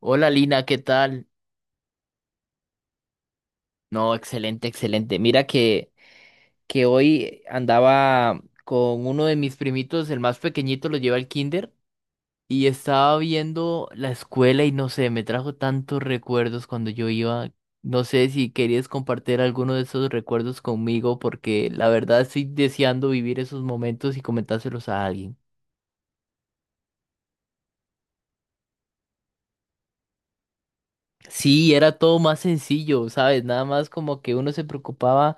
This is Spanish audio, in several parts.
Hola Lina, ¿qué tal? No, excelente, excelente. Mira que hoy andaba con uno de mis primitos, el más pequeñito, lo lleva al kinder, y estaba viendo la escuela y no sé, me trajo tantos recuerdos cuando yo iba. No sé si querías compartir alguno de esos recuerdos conmigo, porque la verdad estoy deseando vivir esos momentos y comentárselos a alguien. Sí, era todo más sencillo, ¿sabes? Nada más como que uno se preocupaba.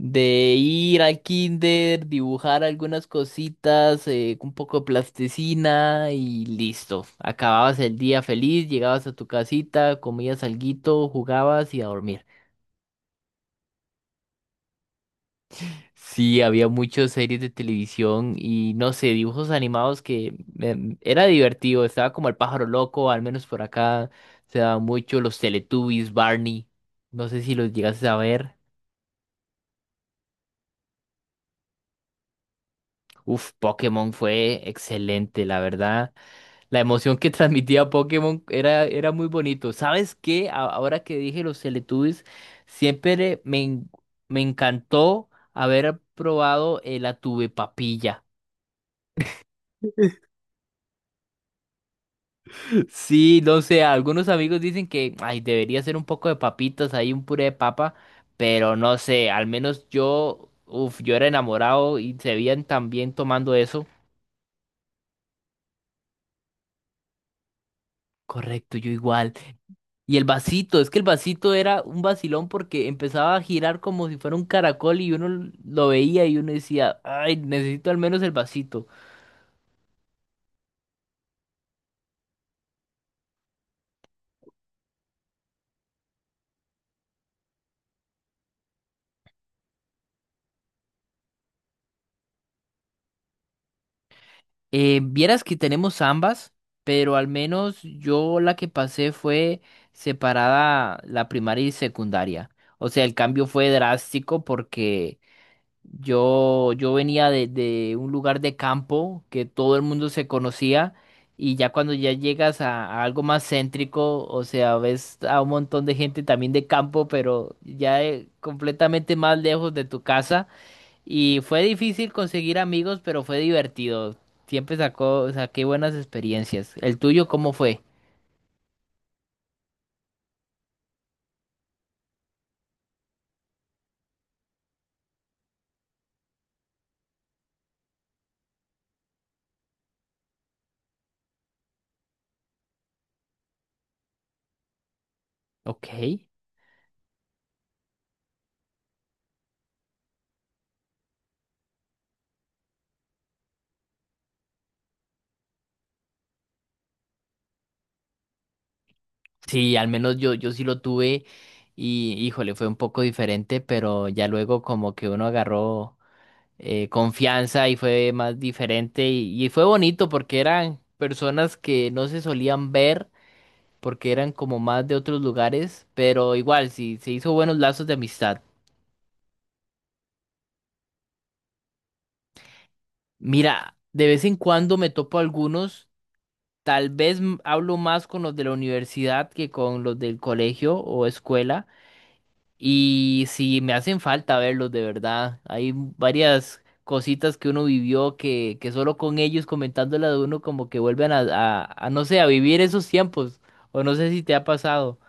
De ir al kinder, dibujar algunas cositas, un poco de plasticina y listo. Acababas el día feliz, llegabas a tu casita, comías alguito, jugabas y a dormir. Sí, había muchas series de televisión y no sé, dibujos animados que era divertido. Estaba como el pájaro loco, al menos por acá se daban mucho los Teletubbies, Barney. No sé si los llegaste a ver. Uf, Pokémon fue excelente, la verdad. La emoción que transmitía Pokémon era muy bonito. ¿Sabes qué? Ahora que dije los Teletubbies, siempre me, en- me encantó haber probado la tuve papilla. Sí, no sé, algunos amigos dicen que ay, debería ser un poco de papitas, ahí un puré de papa, pero no sé, al menos yo, uf, yo era enamorado y se veían tan bien tomando eso. Correcto, yo igual. Y el vasito, es que el vasito era un vacilón porque empezaba a girar como si fuera un caracol y uno lo veía y uno decía, ay, necesito al menos el vasito. Vieras que tenemos ambas, pero al menos yo la que pasé fue separada la primaria y secundaria. O sea, el cambio fue drástico porque yo venía de un lugar de campo que todo el mundo se conocía y ya cuando ya llegas a algo más céntrico, o sea, ves a un montón de gente también de campo, pero ya completamente más lejos de tu casa y fue difícil conseguir amigos, pero fue divertido. Saqué buenas experiencias. ¿El tuyo cómo fue? Ok. Sí, al menos yo sí lo tuve y híjole, fue un poco diferente, pero ya luego como que uno agarró confianza y fue más diferente y fue bonito porque eran personas que no se solían ver porque eran como más de otros lugares, pero igual sí se hizo buenos lazos de amistad. Mira, de vez en cuando me topo algunos, tal vez hablo más con los de la universidad que con los del colegio o escuela. Y si me hacen falta verlos de verdad. Hay varias cositas que uno vivió que solo con ellos comentándolas de uno como que vuelven a no sé, a vivir esos tiempos. O no sé si te ha pasado.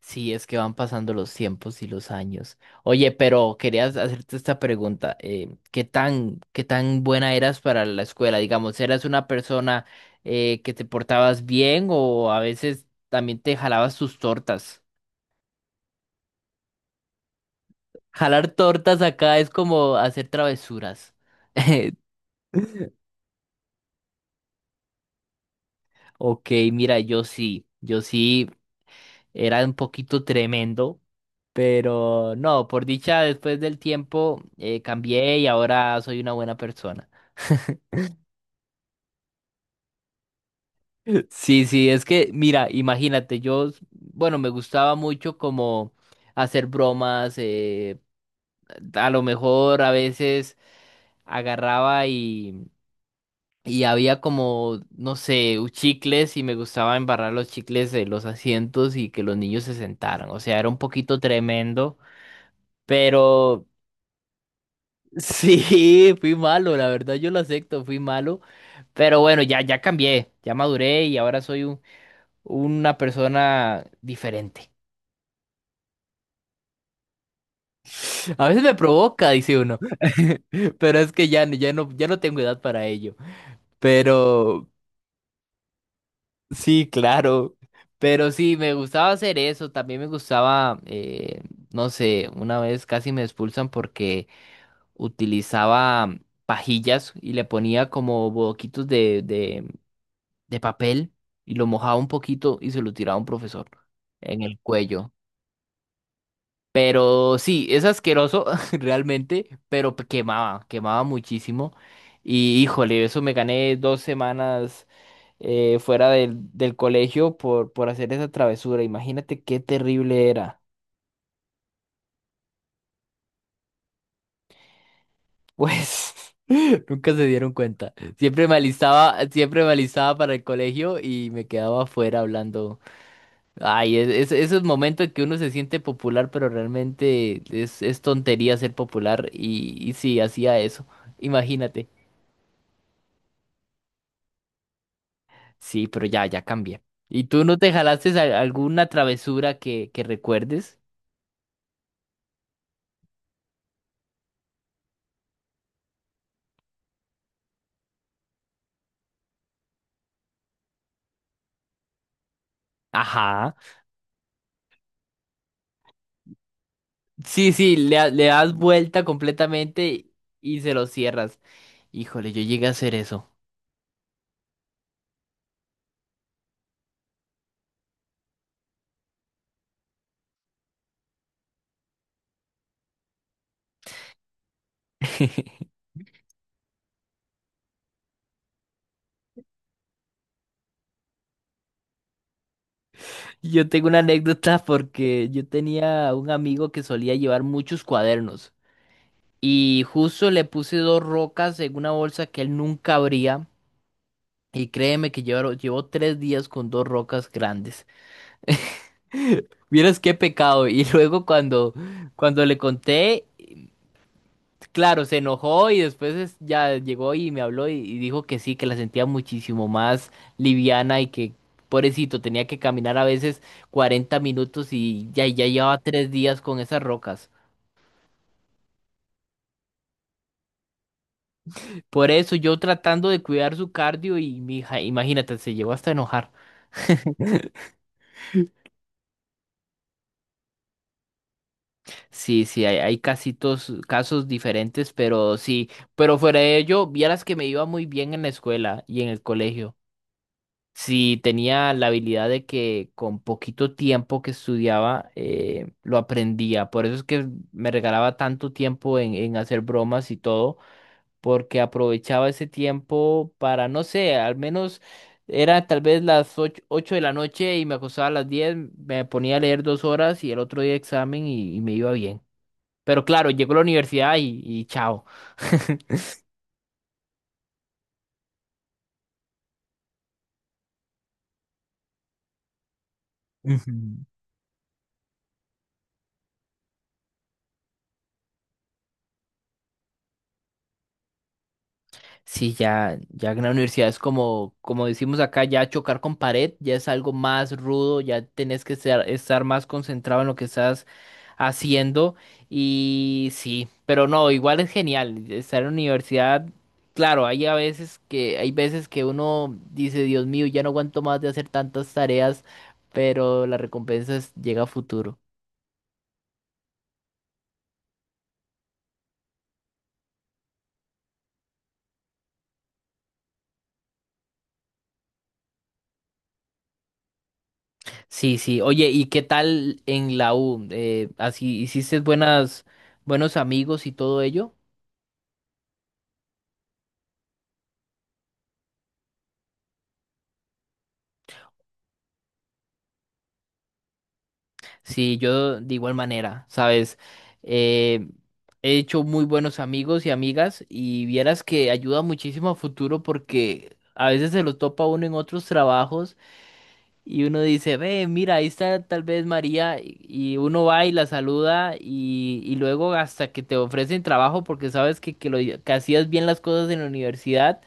Sí, es que van pasando los tiempos y los años. Oye, pero querías hacerte esta pregunta. Eh, qué tan buena eras para la escuela? Digamos, ¿eras una persona que te portabas bien o a veces también te jalabas tus tortas? Jalar tortas acá es como hacer travesuras. Ok, mira, yo sí era un poquito tremendo, pero no, por dicha, después del tiempo cambié y ahora soy una buena persona. Sí, sí, es que, mira, imagínate, yo, bueno, me gustaba mucho como hacer bromas, a lo mejor a veces agarraba. Y había como, no sé, chicles y me gustaba embarrar los chicles de los asientos y que los niños se sentaran. O sea, era un poquito tremendo, pero sí, fui malo, la verdad yo lo acepto, fui malo. Pero bueno, ya cambié, ya maduré y ahora soy una persona diferente. A veces me provoca, dice uno, pero es que ya no tengo edad para ello. Pero sí, claro. Pero sí, me gustaba hacer eso. También me gustaba, no sé, una vez casi me expulsan porque utilizaba pajillas y le ponía como boquitos de papel y lo mojaba un poquito y se lo tiraba a un profesor en el cuello. Pero sí, es asqueroso realmente, pero quemaba muchísimo. Y híjole, eso me gané 2 semanas fuera del colegio por hacer esa travesura. Imagínate qué terrible era. Pues nunca se dieron cuenta. Siempre me alistaba para el colegio y me quedaba afuera hablando. Ay, esos momentos que uno se siente popular, pero realmente es tontería ser popular. Y sí, hacía eso. Imagínate. Sí, pero ya, ya cambié. ¿Y tú no te jalaste alguna travesura que recuerdes? Ajá. Sí, sí, le das vuelta completamente y se lo cierras. Híjole, yo llegué a hacer eso. Yo tengo una anécdota porque yo tenía un amigo que solía llevar muchos cuadernos y justo le puse dos rocas en una bolsa que él nunca abría y créeme que llevó 3 días con dos rocas grandes. Vieras qué pecado. Y luego cuando le conté. Claro, se enojó y después ya llegó y me habló y dijo que sí, que la sentía muchísimo más liviana y que pobrecito tenía que caminar a veces 40 minutos y ya, ya llevaba 3 días con esas rocas. Por eso yo tratando de cuidar su cardio y mi hija, imagínate, se llegó hasta a enojar. Sí, sí, hay casitos, casos diferentes, pero sí, pero fuera de ello, vieras que me iba muy bien en la escuela y en el colegio. Si tenía la habilidad de que con poquito tiempo que estudiaba lo aprendía. Por eso es que me regalaba tanto tiempo en hacer bromas y todo, porque aprovechaba ese tiempo para, no sé, al menos era tal vez las ocho de la noche y me acostaba a las diez, me ponía a leer 2 horas y el otro día examen y me iba bien. Pero claro, llegó a la universidad y chao. Sí, ya en la universidad es como, como decimos acá, ya chocar con pared, ya es algo más rudo, ya tenés que estar más concentrado en lo que estás haciendo y sí, pero no, igual es genial estar en la universidad. Claro, hay veces que uno dice, Dios mío, ya no aguanto más de hacer tantas tareas, pero la recompensa llega a futuro. Sí, sí. Oye, ¿y qué tal en la U? Así, ¿hiciste buenos amigos y todo ello? Sí, yo de igual manera, ¿sabes? Eh, he hecho muy buenos amigos y amigas y vieras que ayuda muchísimo a futuro porque a veces se lo topa uno en otros trabajos y uno dice, ve, mira, ahí está tal vez María, y uno va y la saluda y luego hasta que te ofrecen trabajo porque sabes que hacías bien las cosas en la universidad,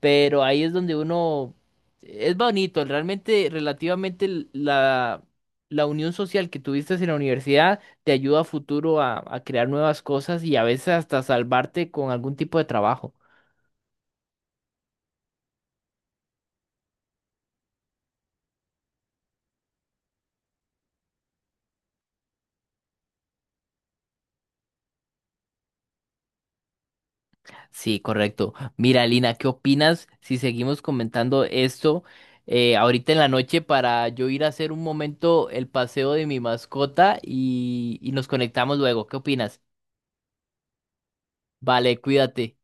pero ahí es donde uno, es bonito, realmente relativamente la unión social que tuviste en la universidad te ayuda a futuro a crear nuevas cosas y a veces hasta salvarte con algún tipo de trabajo. Sí, correcto. Mira, Lina, ¿qué opinas si seguimos comentando esto ahorita en la noche para yo ir a hacer un momento el paseo de mi mascota y nos conectamos luego? ¿Qué opinas? Vale, cuídate.